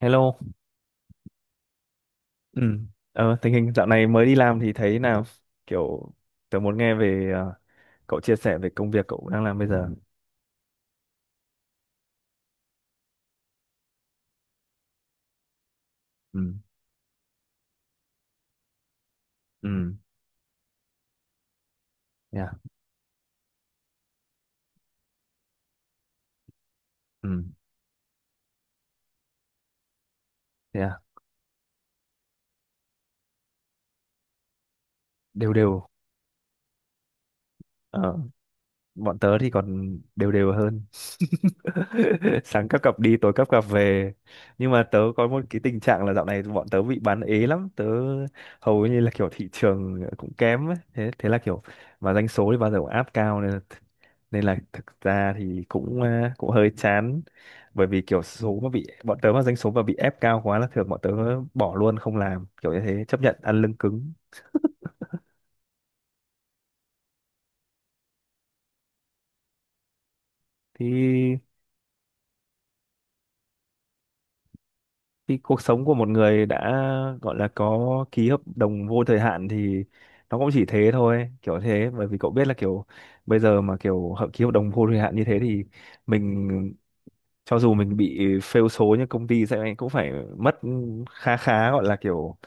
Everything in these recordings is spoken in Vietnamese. Hello. Ừ. Tình hình dạo này mới đi làm thì thấy nào, kiểu tớ muốn nghe về cậu chia sẻ về công việc cậu đang làm bây giờ. Ừ. Ừ. Yeah. Ừ. Yeah. Đều đều. Ờ. Bọn tớ thì còn đều đều hơn sáng các cặp đi tối các cặp về, nhưng mà tớ có một cái tình trạng là dạo này bọn tớ bị bán ế lắm tớ, hầu như là kiểu thị trường cũng kém ấy. Thế thế là kiểu mà doanh số thì bao giờ cũng áp cao nên là thực ra thì cũng à, cũng hơi chán, bởi vì kiểu số mà bị bọn tớ mà doanh số mà bị ép cao quá là thường bọn tớ bỏ luôn không làm kiểu như thế, chấp nhận ăn lưng cứng. Thì cái cuộc sống của một người đã gọi là có ký hợp đồng vô thời hạn thì nó cũng chỉ thế thôi kiểu thế, bởi vì cậu biết là kiểu bây giờ mà kiểu ký hợp đồng vô thời hạn như thế thì mình, cho dù mình bị fail số như công ty sẽ cũng phải mất khá khá gọi là kiểu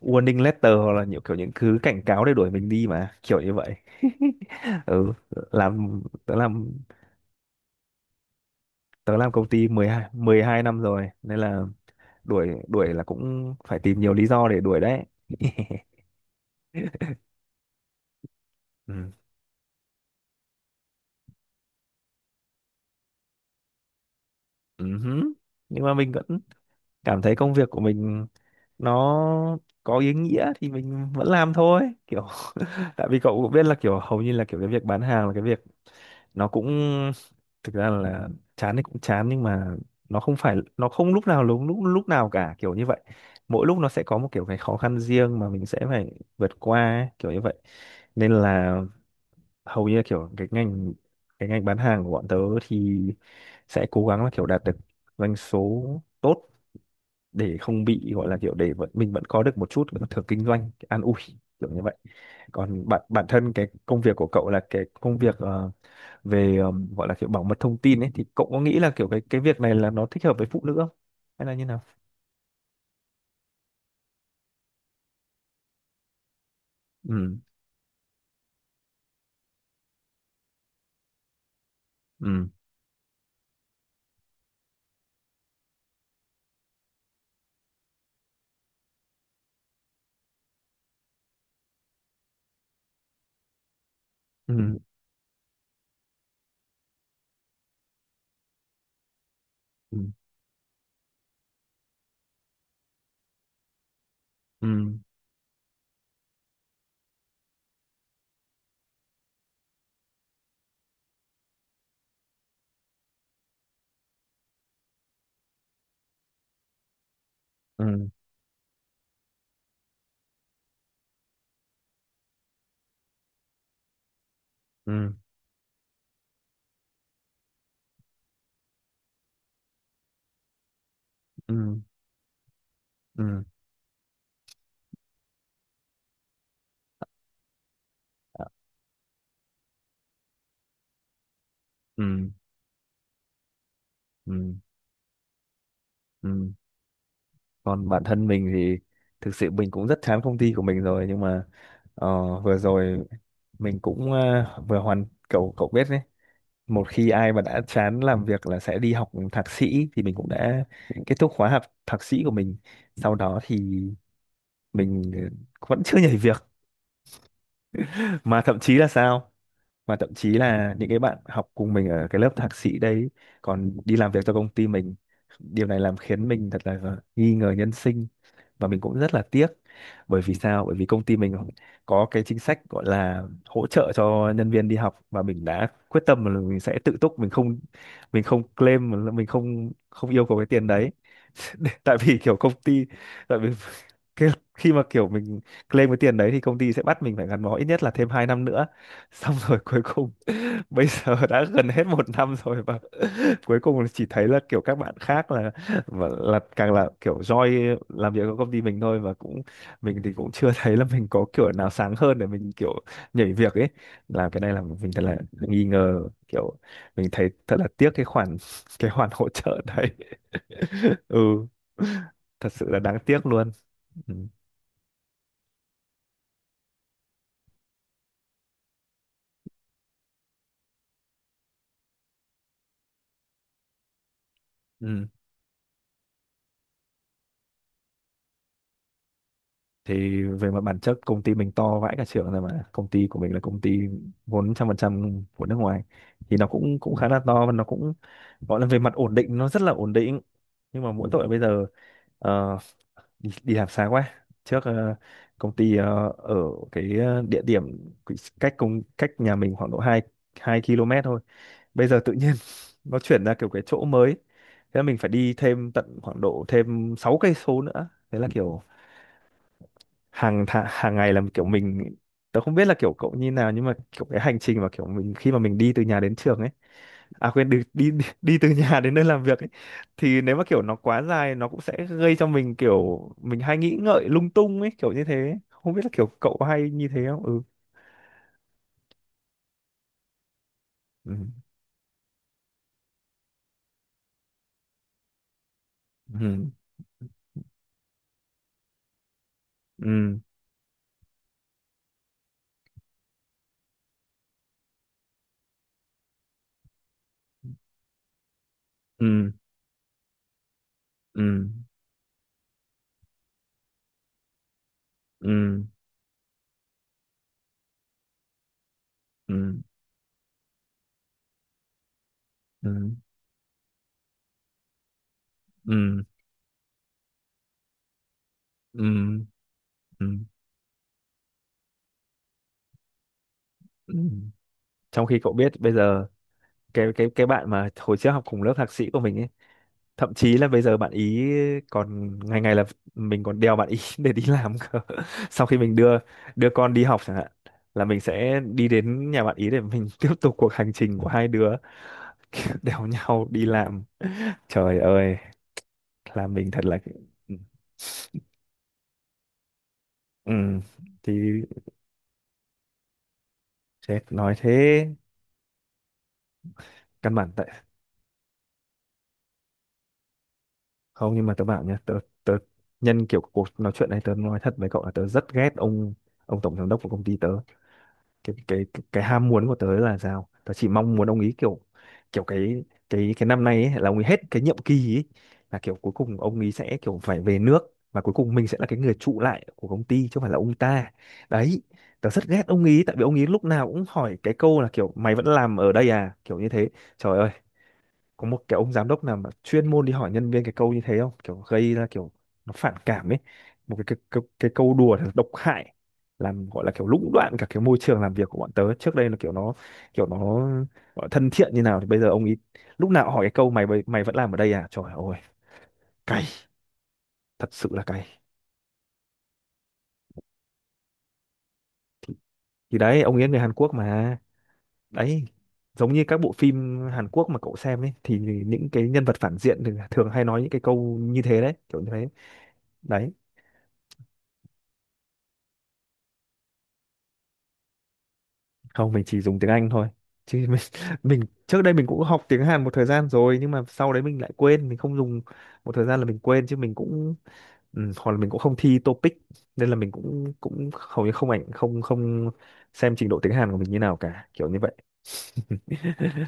warning letter hoặc là nhiều kiểu những thứ cảnh cáo để đuổi mình đi mà kiểu như vậy. Ừ, làm tớ làm tớ làm công ty 12 12 năm rồi nên là đuổi đuổi là cũng phải tìm nhiều lý do để đuổi đấy. Ừ. Ừ hứ. Nhưng mà mình vẫn cảm thấy công việc của mình nó có ý nghĩa thì mình vẫn làm thôi kiểu. Tại vì cậu cũng biết là kiểu hầu như là kiểu cái việc bán hàng là cái việc nó cũng thực ra là chán thì cũng chán, nhưng mà nó không phải nó không lúc nào cả kiểu như vậy, mỗi lúc nó sẽ có một kiểu cái khó khăn riêng mà mình sẽ phải vượt qua ấy, kiểu như vậy. Nên là hầu như là kiểu cái ngành bán hàng của bọn tớ thì sẽ cố gắng là kiểu đạt được doanh số tốt để không bị gọi là kiểu để vẫn, mình vẫn có được một chút cái thưởng kinh doanh cái an ủi kiểu như vậy. Còn bản bản thân cái công việc của cậu là cái công việc về gọi là kiểu bảo mật thông tin ấy, thì cậu có nghĩ là kiểu cái việc này là nó thích hợp với phụ nữ không, hay là như nào? Ừ. Ừ. Ừ. Ừ. Ừ. Ừ. Ừ. Ừ. Ừ. Ừ. Ừ. Ừ. Còn bản thân mình thì thực sự mình cũng rất chán công ty của mình rồi, nhưng mà ờ, vừa rồi mình cũng vừa hoàn, cậu cậu biết đấy, một khi ai mà đã chán làm việc là sẽ đi học thạc sĩ, thì mình cũng đã kết thúc khóa học thạc sĩ của mình. Sau đó thì mình vẫn chưa nhảy việc, mà thậm chí là sao, mà thậm chí là những cái bạn học cùng mình ở cái lớp thạc sĩ đấy còn đi làm việc cho công ty mình. Điều này làm khiến mình thật là nghi ngờ nhân sinh, và mình cũng rất là tiếc. Bởi vì sao, bởi vì công ty mình có cái chính sách gọi là hỗ trợ cho nhân viên đi học, và mình đã quyết tâm là mình sẽ tự túc, mình không, mình không claim, mình không không yêu cầu cái tiền đấy. Tại vì kiểu công ty, tại vì cái, khi mà kiểu mình claim cái tiền đấy thì công ty sẽ bắt mình phải gắn bó ít nhất là thêm 2 năm nữa, xong rồi cuối cùng bây giờ đã gần hết một năm rồi, và cuối cùng là chỉ thấy là kiểu các bạn khác là và là càng là kiểu joy làm việc ở công ty mình thôi. Và cũng mình thì cũng chưa thấy là mình có kiểu nào sáng hơn để mình kiểu nhảy việc ấy. Làm cái này là mình thật là nghi ngờ kiểu, mình thấy thật là tiếc cái khoản cái khoản hỗ trợ đấy. Ừ, thật sự là đáng tiếc luôn. Ừ. Ừ. Thì về mặt bản chất công ty mình to vãi cả trưởng rồi mà, công ty của mình là công ty vốn 100% của nước ngoài, thì nó cũng cũng khá là to và nó cũng gọi là về mặt ổn định nó rất là ổn định. Nhưng mà mỗi tội bây giờ ờ, đi làm xa quá, trước công ty ở địa điểm cách cách nhà mình khoảng độ hai 2 km thôi, bây giờ tự nhiên nó chuyển ra kiểu cái chỗ mới, thế là mình phải đi thêm tận khoảng độ thêm 6 cây số nữa, thế là kiểu hàng ngày là kiểu mình, tớ không biết là kiểu cậu như nào nhưng mà kiểu cái hành trình mà kiểu mình khi mà mình đi từ nhà đến trường ấy, à quên, đi đi đi từ nhà đến nơi làm việc ấy, thì nếu mà kiểu nó quá dài nó cũng sẽ gây cho mình kiểu mình hay nghĩ ngợi lung tung ấy kiểu như thế, không biết là kiểu cậu có hay như thế không. Ừ. Ừ. Ừ. Ừ. Ừ. Ừ. Ừ. Ừ. Ừ. Ừ. Ừ. Ừ. Ừ. Trong khi cậu biết bây giờ cái bạn mà hồi trước học cùng lớp thạc sĩ của mình ấy, thậm chí là bây giờ bạn ý còn ngày ngày là mình còn đèo bạn ý để đi làm cơ. Sau khi mình đưa, đưa con đi học chẳng hạn, là mình sẽ đi đến nhà bạn ý để mình tiếp tục cuộc hành trình của hai đứa. Kiểu đèo nhau đi làm, trời ơi là mình thật là. Ừ. Thì chết nói thế, căn bản tại, không nhưng mà tớ bảo nhá, tớ tớ nhân kiểu cuộc nói chuyện này tớ nói thật với cậu là tớ rất ghét ông tổng giám đốc của công ty tớ. Cái cái ham muốn của tớ là sao, tớ chỉ mong muốn ông ý kiểu, kiểu cái năm nay ấy, là ông ấy hết cái nhiệm kỳ ấy, là kiểu cuối cùng ông ý sẽ kiểu phải về nước, và cuối cùng mình sẽ là cái người trụ lại của công ty chứ không phải là ông ta. Đấy, tớ rất ghét ông ý tại vì ông ý lúc nào cũng hỏi cái câu là kiểu mày vẫn làm ở đây à, kiểu như thế. Trời ơi, có một cái ông giám đốc nào mà chuyên môn đi hỏi nhân viên cái câu như thế không, kiểu gây ra kiểu nó phản cảm ấy. Một cái câu đùa thật độc hại, làm gọi là kiểu lũng đoạn cả cái môi trường làm việc của bọn tớ. Trước đây là kiểu nó, kiểu nó gọi là thân thiện như nào, thì bây giờ ông ý lúc nào hỏi cái câu mày vẫn làm ở đây à. Trời ơi, cay, thật sự là cay. Thì đấy, ông ấy người Hàn Quốc mà. Đấy, giống như các bộ phim Hàn Quốc mà cậu xem ấy, thì những cái nhân vật phản diện thì thường hay nói những cái câu như thế đấy, kiểu như thế đấy. Không, mình chỉ dùng tiếng Anh thôi, chứ mình, mình trước đây mình cũng học tiếng Hàn một thời gian rồi, nhưng mà sau đấy mình lại quên, mình không dùng một thời gian là mình quên, chứ mình cũng ừ, hoặc là mình cũng không thi TOEIC nên là mình cũng cũng hầu như không, không xem trình độ tiếng Hàn của mình như nào cả, kiểu như vậy.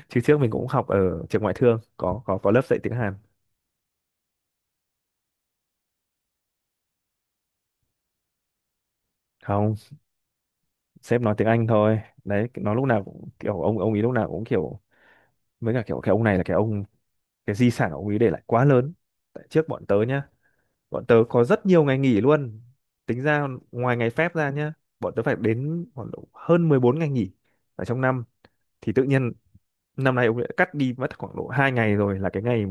Chứ trước mình cũng học ở trường ngoại thương có lớp dạy tiếng Hàn. Không, sếp nói tiếng Anh thôi đấy, nó lúc nào cũng kiểu ông ấy lúc nào cũng kiểu. Với cả kiểu cái ông, cái di sản ông ấy để lại quá lớn. Tại trước bọn tớ nhá, bọn tớ có rất nhiều ngày nghỉ luôn, tính ra ngoài ngày phép ra nhá, bọn tớ phải đến khoảng độ hơn 14 ngày nghỉ ở trong năm. Thì tự nhiên năm nay ông lại cắt đi mất khoảng độ 2 ngày, rồi là cái ngày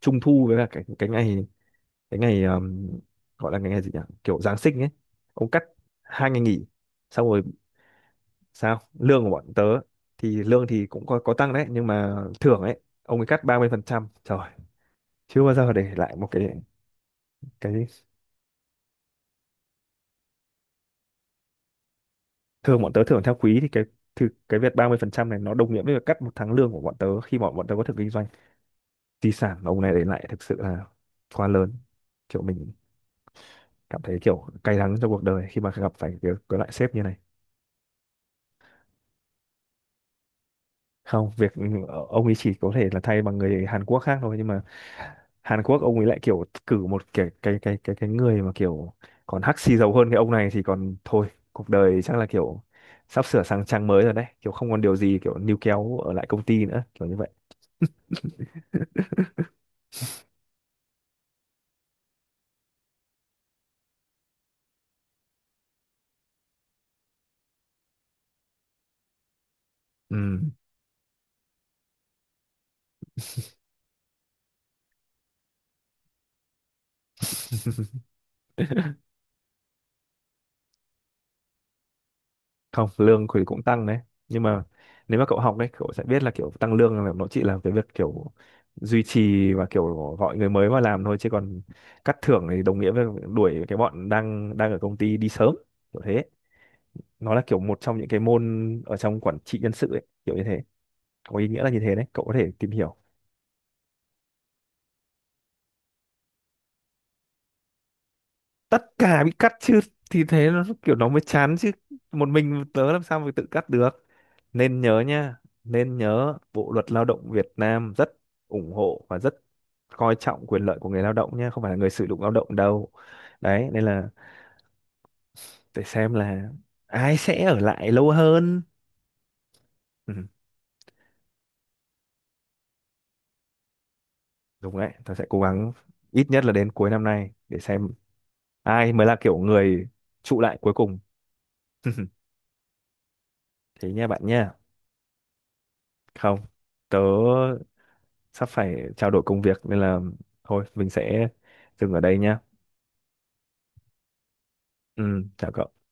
trung thu với cả cái ngày, cái ngày gọi là cái ngày gì nhỉ, kiểu Giáng sinh ấy. Ông cắt 2 ngày nghỉ. Xong rồi sao, lương của bọn tớ thì lương thì cũng có tăng đấy, nhưng mà thưởng ấy ông ấy cắt 30%. Trời, chưa bao giờ để lại một cái thường bọn tớ thưởng theo quý, thì cái việc 30% này nó đồng nghĩa với việc cắt một tháng lương của bọn tớ khi bọn bọn tớ có thực kinh doanh. Di sản mà ông này để lại thực sự là quá lớn, kiểu mình cảm thấy kiểu cay đắng trong cuộc đời khi mà gặp phải cái loại sếp như này. Không việc ừ, ông ấy chỉ có thể là thay bằng người Hàn Quốc khác thôi, nhưng mà Hàn Quốc ông ấy lại kiểu cử một cái người mà kiểu còn hắc xì dầu hơn cái ông này thì còn thôi. Cuộc đời chắc là kiểu sắp sửa sang trang mới rồi đấy, kiểu không còn điều gì kiểu níu kéo ở lại công ty nữa, kiểu như vậy. Ừ. Không, lương thì cũng tăng đấy. Nhưng mà nếu mà cậu học đấy, cậu sẽ biết là kiểu tăng lương là nó chỉ là cái việc kiểu duy trì và kiểu gọi người mới vào làm thôi, chứ còn cắt thưởng thì đồng nghĩa với đuổi cái bọn đang đang ở công ty đi sớm, kiểu thế. Nó là kiểu một trong những cái môn ở trong quản trị nhân sự ấy, kiểu như thế. Có ý nghĩa là như thế đấy, cậu có thể tìm hiểu. Tất cả bị cắt chứ, thì thế nó kiểu nó mới chán chứ, một mình tớ làm sao mà tự cắt được. Nên nhớ nha, nên nhớ Bộ luật lao động Việt Nam rất ủng hộ và rất coi trọng quyền lợi của người lao động nha, không phải là người sử dụng lao động đâu. Đấy, nên là để xem là ai sẽ ở lại lâu hơn. Ừ, đúng đấy, tớ sẽ cố gắng ít nhất là đến cuối năm nay để xem ai mới là kiểu người trụ lại cuối cùng. Thế nha bạn nha. Không, tớ sắp phải trao đổi công việc nên là thôi mình sẽ dừng ở đây nhá. Ừ, chào cậu.